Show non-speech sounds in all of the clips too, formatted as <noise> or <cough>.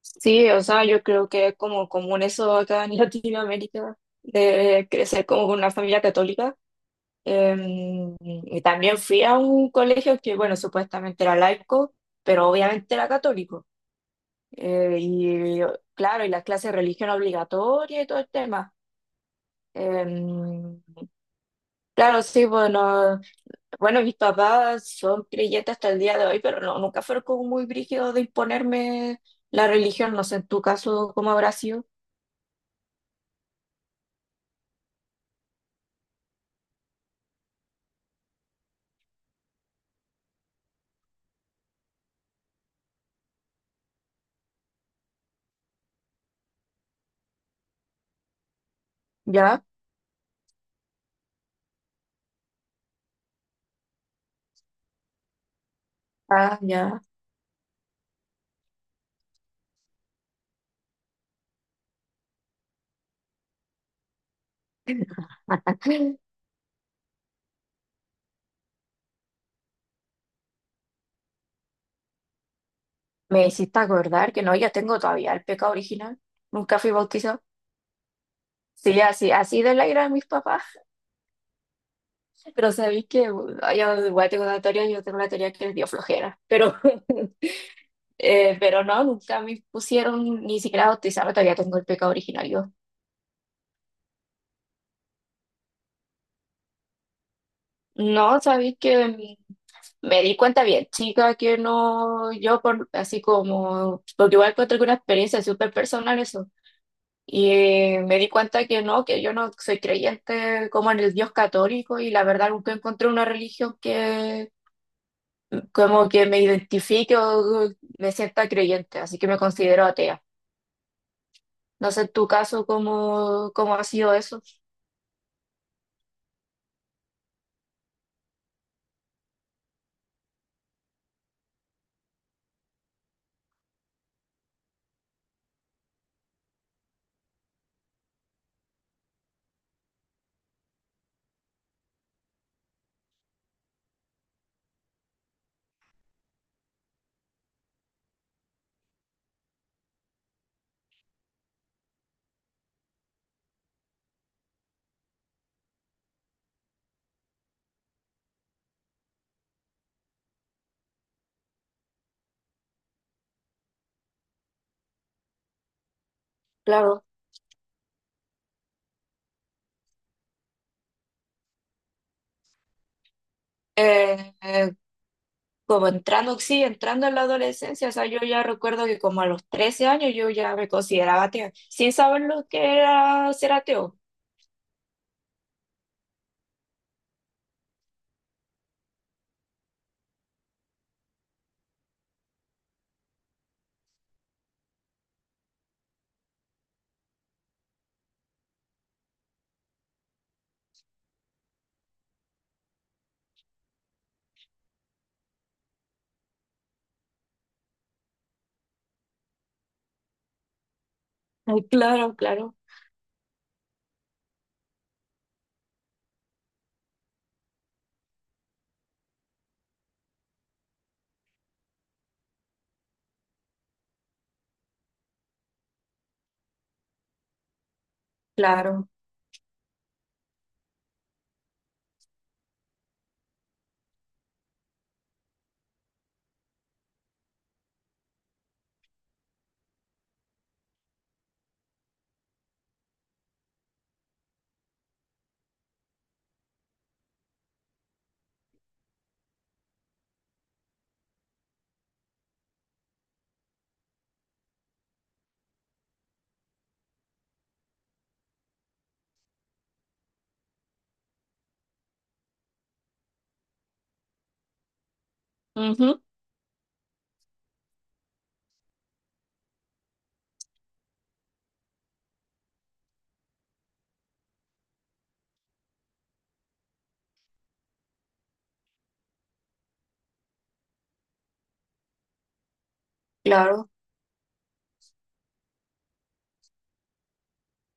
Sí, o sea, yo creo que es como común eso acá en <laughs> Latinoamérica, de crecer como con una familia católica. Y también fui a un colegio que, bueno, supuestamente era laico, pero obviamente era católico. Y claro, y las clases de religión obligatoria y todo el tema. Em, claro, sí, bueno, bueno, mis papás son creyentes hasta el día de hoy, pero no, nunca fueron como muy brígidos de imponerme la religión. No sé, en tu caso, ¿cómo habrá sido? ¿Ya? Ah, ya. <laughs> Me hiciste acordar que no, yo tengo todavía el pecado original. Nunca fui bautizado. Sí, así, así de la ira de mis papás. <laughs> Pero sabéis que bueno, yo igual tengo una teoría, yo tengo la teoría que les dio flojera. Pero, <laughs> pero no, nunca me pusieron ni siquiera a bautizarme, todavía tengo el pecado original yo. No, sabéis que me di cuenta bien, chica, que no, yo por así como, porque igual encuentro que una experiencia súper personal eso. Y me di cuenta que no, que yo no soy creyente como en el Dios católico y la verdad nunca encontré una religión que como que me identifique o me sienta creyente, así que me considero atea. No sé en tu caso cómo, cómo ha sido eso. Claro. Eh, eh, Como entrando, sí, entrando en la adolescencia, o sea, yo ya recuerdo que como a los 13 años yo ya me consideraba atea, sin saber lo que era ser ateo. Ay, claro, claro, claro. Ujú, claro.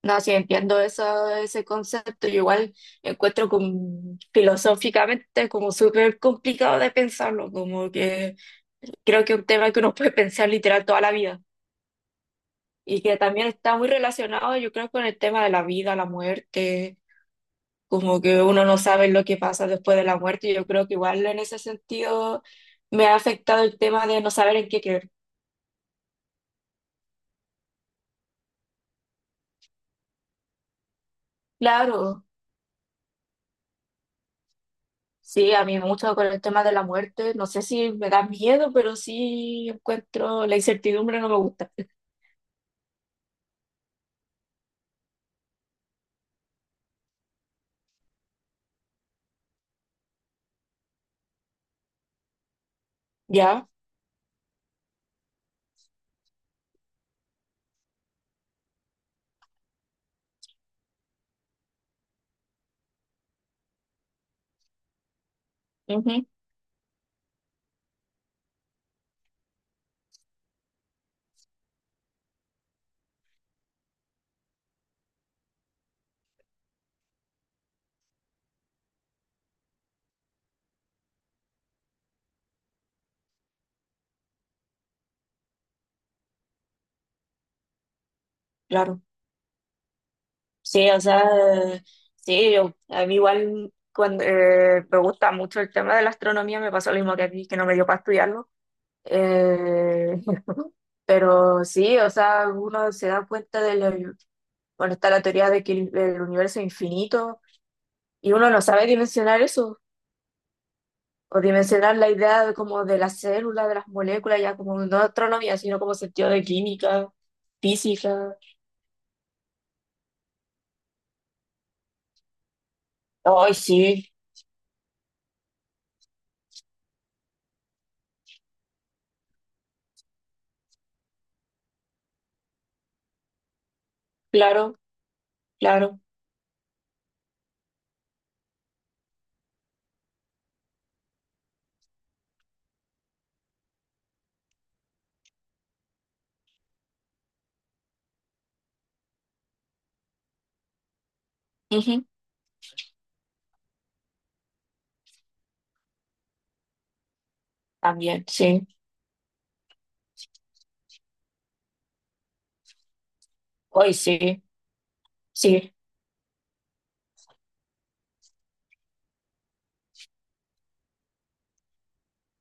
No, sí, entiendo eso, ese concepto. Yo igual encuentro como, filosóficamente como súper complicado de pensarlo, como que creo que es un tema que uno puede pensar literal toda la vida y que también está muy relacionado, yo creo, con el tema de la vida, la muerte, como que uno no sabe lo que pasa después de la muerte. Yo creo que igual en ese sentido me ha afectado el tema de no saber en qué creer. Claro. Sí, a mí me gusta con el tema de la muerte. No sé si me da miedo, pero sí encuentro la incertidumbre, no me gusta. Ya, ujú, claro. Sí, o sea, eh, sí, a mí igual cuando, me gusta mucho el tema de la astronomía, me pasó lo mismo que a ti, que no me dio para estudiarlo. Eh, <laughs> pero sí, o sea, uno se da cuenta de, bueno, está la teoría de que el universo es infinito y uno no sabe dimensionar eso. O dimensionar la idea de, como de las células, de las moléculas, ya como no astronomía, sino como sentido de química, física. Hoy sí, claro, claro. Ujú. También, sí. Hoy sí, sí.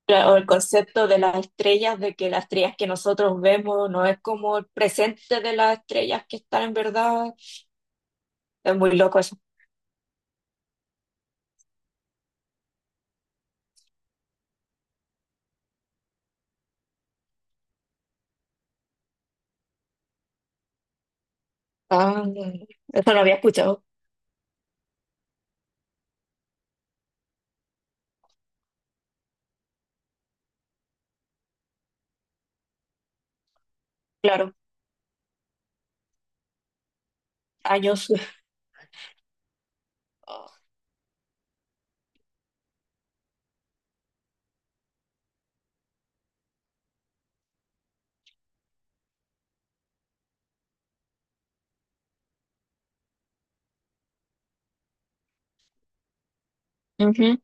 O el concepto de las estrellas, de que las estrellas que nosotros vemos no es como el presente de las estrellas que están en verdad. Es muy loco eso. Ah, no, eso no había escuchado, claro, años. <laughs> Ujú.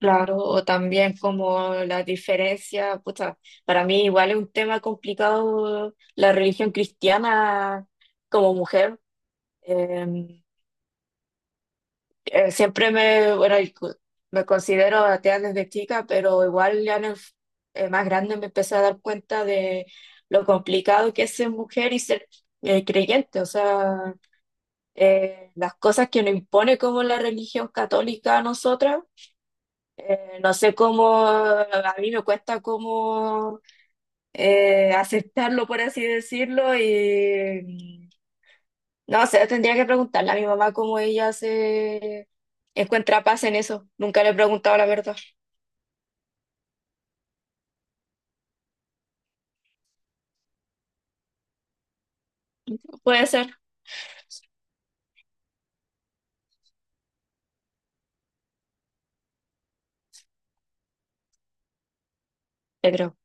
Claro, o también como la diferencia, pucha, para mí igual es un tema complicado la religión cristiana como mujer. Eh, Siempre me, bueno, me considero atea desde chica, pero igual ya en el más grande me empecé a dar cuenta de lo complicado que es ser mujer y ser creyente, o sea, las cosas que nos impone como la religión católica a nosotras. No sé cómo, a mí me cuesta como aceptarlo, por así decirlo, y no sé, tendría que preguntarle a mi mamá cómo ella se encuentra paz en eso. Nunca le he preguntado la verdad. Puede ser, yo creo.